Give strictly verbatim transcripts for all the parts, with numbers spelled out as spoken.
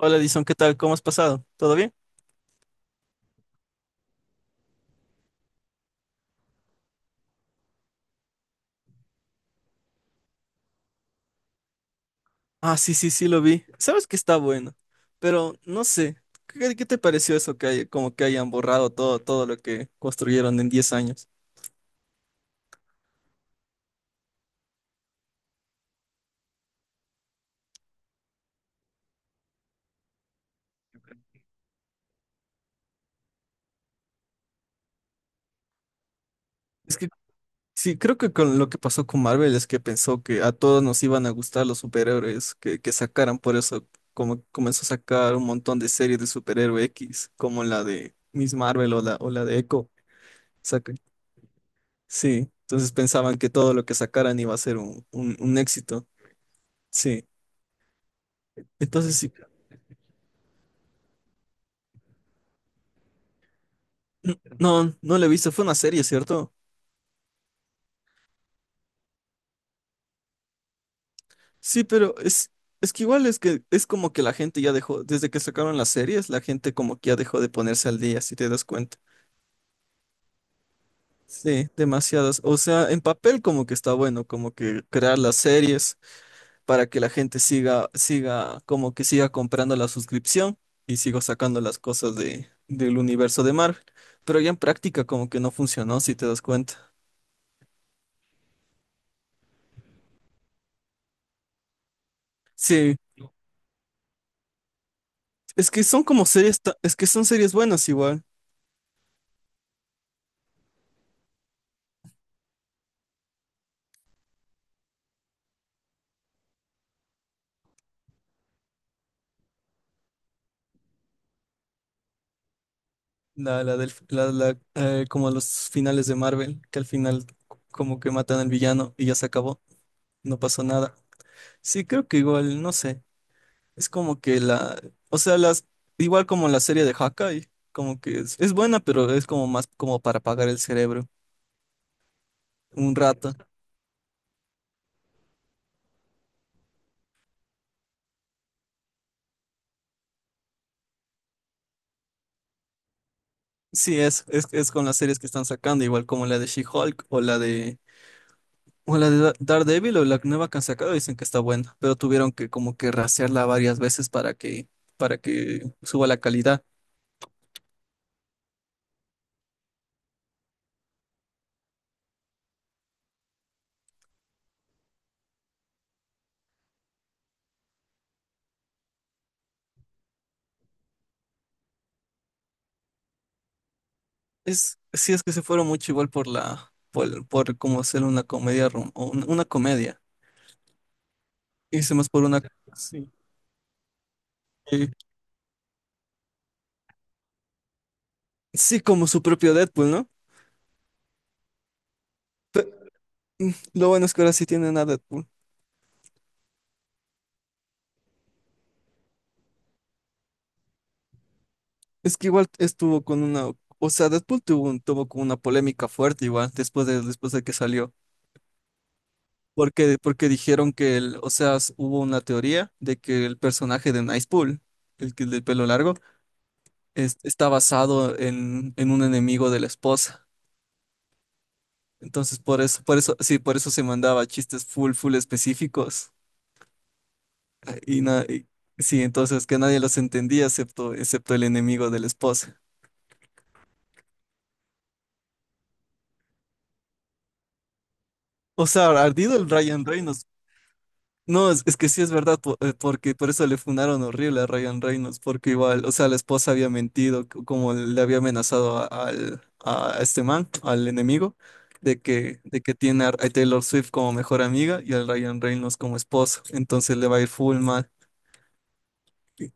Hola Edison, ¿qué tal? ¿Cómo has pasado? ¿Todo bien? Ah, sí, sí, sí, lo vi. Sabes que está bueno, pero no sé, ¿qué, qué te pareció eso que hay, como que hayan borrado todo, todo lo que construyeron en diez años? Es que sí, creo que con lo que pasó con Marvel es que pensó que a todos nos iban a gustar los superhéroes que, que sacaran, por eso como comenzó a sacar un montón de series de superhéroe X, como la de Miss Marvel o la, o la de Echo. Sí, entonces pensaban que todo lo que sacaran iba a ser un, un, un éxito. Sí, entonces sí. No, no la he visto, fue una serie, ¿cierto? Sí, pero es, es que igual es que es como que la gente ya dejó, desde que sacaron las series, la gente como que ya dejó de ponerse al día, si te das cuenta. Sí, demasiadas. O sea, en papel como que está bueno, como que crear las series. Para que la gente siga, siga, como que siga comprando la suscripción y sigo sacando las cosas de, del universo de Marvel. Pero ya en práctica como que no funcionó, si te das cuenta. Sí, es que son como series, ta- es que son series buenas igual. La, la del, la, la, eh, como los finales de Marvel, que al final como que matan al villano y ya se acabó, no pasó nada. Sí, creo que igual, no sé. Es como que la, o sea, las, Igual como la serie de Hawkeye, como que es, es buena, pero es como más como para apagar el cerebro un rato. Sí, es, es, es con las series que están sacando, igual como la de She-Hulk o la de, o la de Da- Daredevil o la nueva que han sacado, dicen que está buena, pero tuvieron que como que rasearla varias veces para que, para que suba la calidad. Es, sí, es que se fueron mucho igual por la, por, por como hacer una comedia, rom- o una, una comedia. Hice más por una, sí. Sí, como su propio Deadpool, ¿no? Pe- Lo bueno es que ahora sí tienen a Deadpool. Es que igual estuvo con una, o sea, Deadpool tuvo, un- tuvo como una polémica fuerte igual después de, después de que salió. Porque, porque dijeron que el, o sea, s- hubo una teoría de que el personaje de Nicepool, el que el del pelo largo, es- está basado en, en un enemigo de la esposa. Entonces, por eso, por eso, sí, por eso se mandaba chistes full, full específicos. eh, Y, na- y- sí, entonces que nadie los entendía excepto, excepto el enemigo de la esposa. O sea, ardido el Ryan Reynolds. No, es, es que sí es verdad, po- eh, porque por eso le fundaron horrible a Ryan Reynolds, porque igual, o sea, la esposa había mentido, c- como le había amenazado a, al- a este man, al enemigo, de que, de que tiene a a Taylor Swift como mejor amiga y al Ryan Reynolds como esposo, entonces le va a ir full mal. I-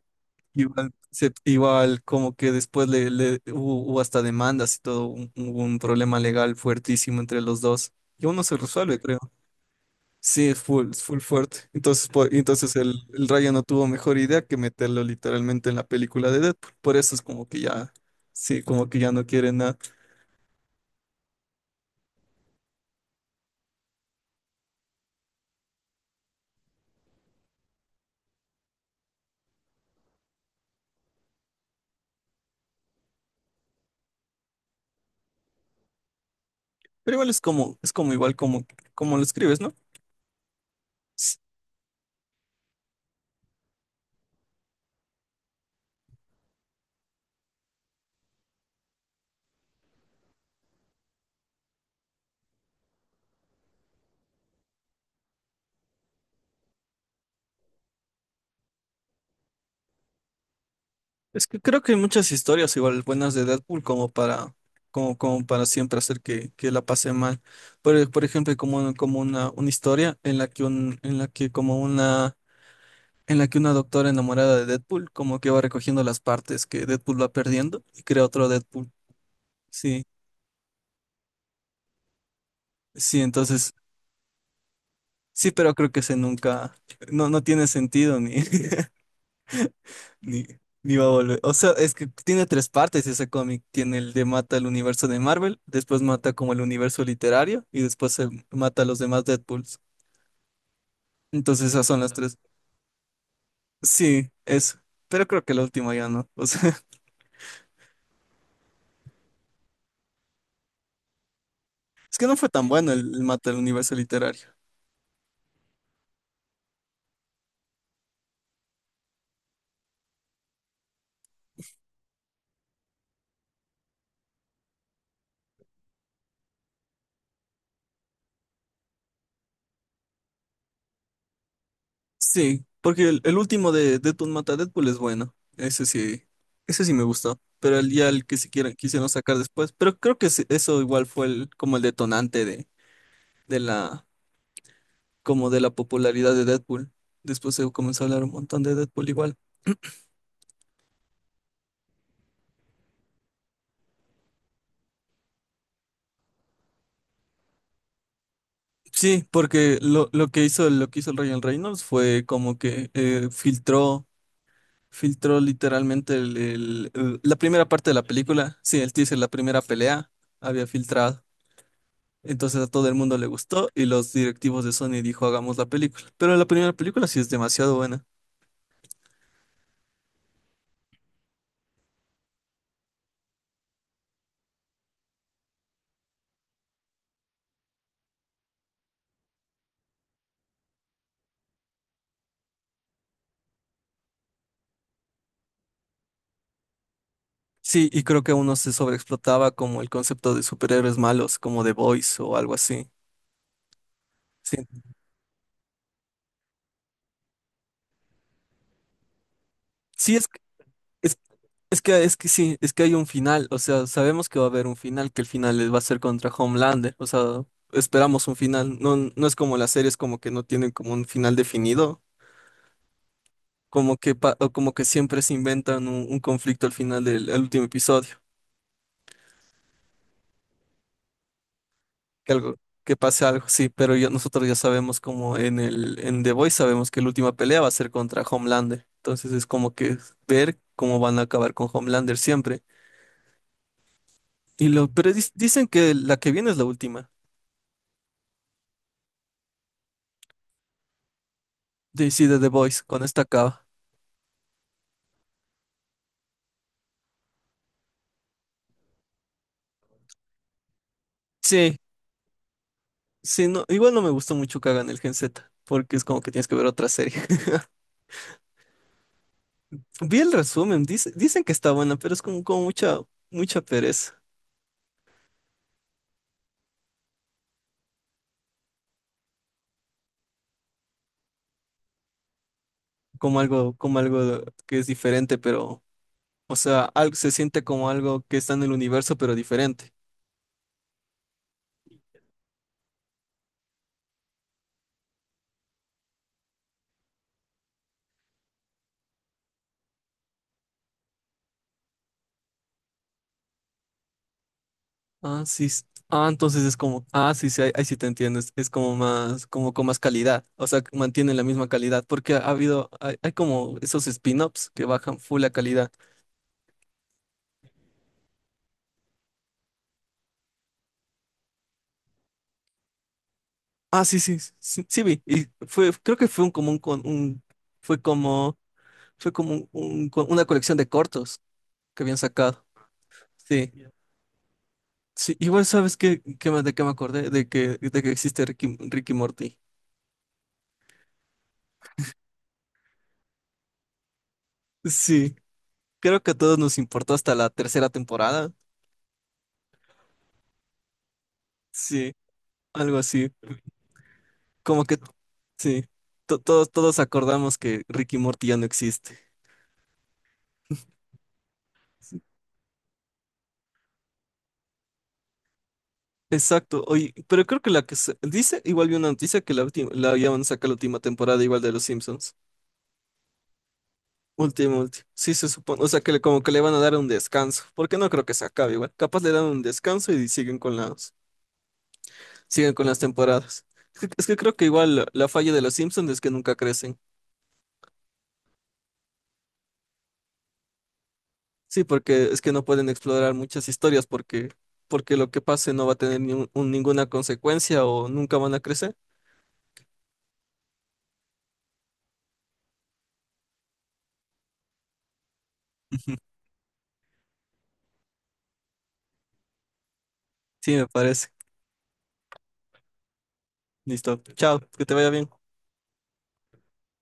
Igual, se- igual como que después le, le- hubo, hubo hasta demandas y todo, un, hubo un problema legal fuertísimo entre los dos, y aún no se resuelve, creo. Sí, es full, es full fuerte. Entonces, po- entonces el, el Raya no tuvo mejor idea que meterlo literalmente en la película de Deadpool. Por eso es como que ya, sí, como que ya no quiere nada. Pero igual es como, es como igual como, como lo escribes, ¿no? Es es que creo que hay muchas historias igual buenas de Deadpool como para, como, como para siempre hacer que, que la pase mal. Por, por ejemplo, como, como una, una historia en la que un, en la que como una en la que una doctora enamorada de Deadpool como que va recogiendo las partes que Deadpool va perdiendo y crea otro Deadpool. Sí, sí, entonces, sí, pero creo que ese nunca, no, no tiene sentido ni, ni, ni va a volver. O sea, es que tiene tres partes ese cómic. Tiene el de mata el universo de Marvel, después mata como el universo literario y después se mata a los demás Deadpools. Entonces esas son las tres. Sí, eso. Pero creo que la última ya no. O sea, es que no fue tan bueno el, el mata el universo literario. Sí, porque el, el último de Deathloop Mata a Deadpool es bueno. Ese sí, ese sí me gustó. Pero el ya el que se quiera- quisieron sacar después. Pero creo que sí- eso igual fue el, como el detonante de, de la, como de la popularidad de Deadpool. Después se comenzó a hablar un montón de Deadpool igual. Sí, porque lo, lo que hizo, lo que hizo el Ryan Reynolds fue como que eh, filtró, filtró literalmente el- el- el- la primera parte de la película. Sí, el teaser, la primera pelea había filtrado. Entonces a todo el mundo le gustó y los directivos de Sony dijo, hagamos la película. Pero la primera película sí es demasiado buena. Sí, y creo que uno se sobreexplotaba como el concepto de superhéroes malos, como The Boys o algo así. Sí, sí es, es, es que es que sí, es que hay un final, o sea, sabemos que va a haber un final, que el final va a ser contra Homelander, o sea, esperamos un final. No, no es como las series como que no tienen como un final definido, como que pa- o como que siempre se inventan un, un conflicto al final del al último episodio. Que algo, que pase algo, sí, pero ya- nosotros ya sabemos como en el, en The Voice sabemos que la última pelea va a ser contra Homelander. Entonces es como que ver cómo van a acabar con Homelander siempre. Y lo, pero dis- dicen que la que viene es la última. De, sí, de The Voice, con esta acaba. Sí, sí, no, igual no me gustó mucho que hagan el Gen Z, porque es como que tienes que ver otra serie. Vi el resumen, dice- dicen que está buena, pero es como, como mucha, mucha pereza. Como algo, como algo que es diferente, pero o sea, algo se siente como algo que está en el universo, pero diferente. Ah, sí. s- Ah, entonces es como, ah, sí, sí, ahí, ahí sí te entiendes. Es como más, como con más calidad. O sea, que mantienen la misma calidad, porque ha habido, hay, hay como esos spin-offs que bajan full la calidad. Ah, sí, sí, sí, sí vi. Y fue, creo que fue un común con un, fue como, fue como un- un co- una colección de cortos que habían sacado. Sí. Sí, igual sabes qué, qué que, de qué me acordé, de que, de que existe Ricky, Ricky Morty. Sí. Creo que a todos nos importó hasta la tercera temporada. Sí, algo así. Como que, sí, to- todos, todos acordamos que Ricky y Morty ya no existe. Sí. Exacto, oye, pero creo que la que se- dice, igual vi una noticia que la última, la habían sacado la última temporada igual de Los Simpsons. Último último. Sí, se supone. O sea, que le, como que le van a dar un descanso. Porque no creo que se acabe igual. Capaz le dan un descanso y siguen con las, siguen con las temporadas. Es que, es que creo que igual la, la falla de Los Simpsons es que nunca crecen. Sí, porque es que no pueden explorar muchas historias porque, porque lo que pase no va a tener ni un- un- ninguna consecuencia o nunca van a crecer. Sí, me parece. Listo. Chao, que te vaya bien.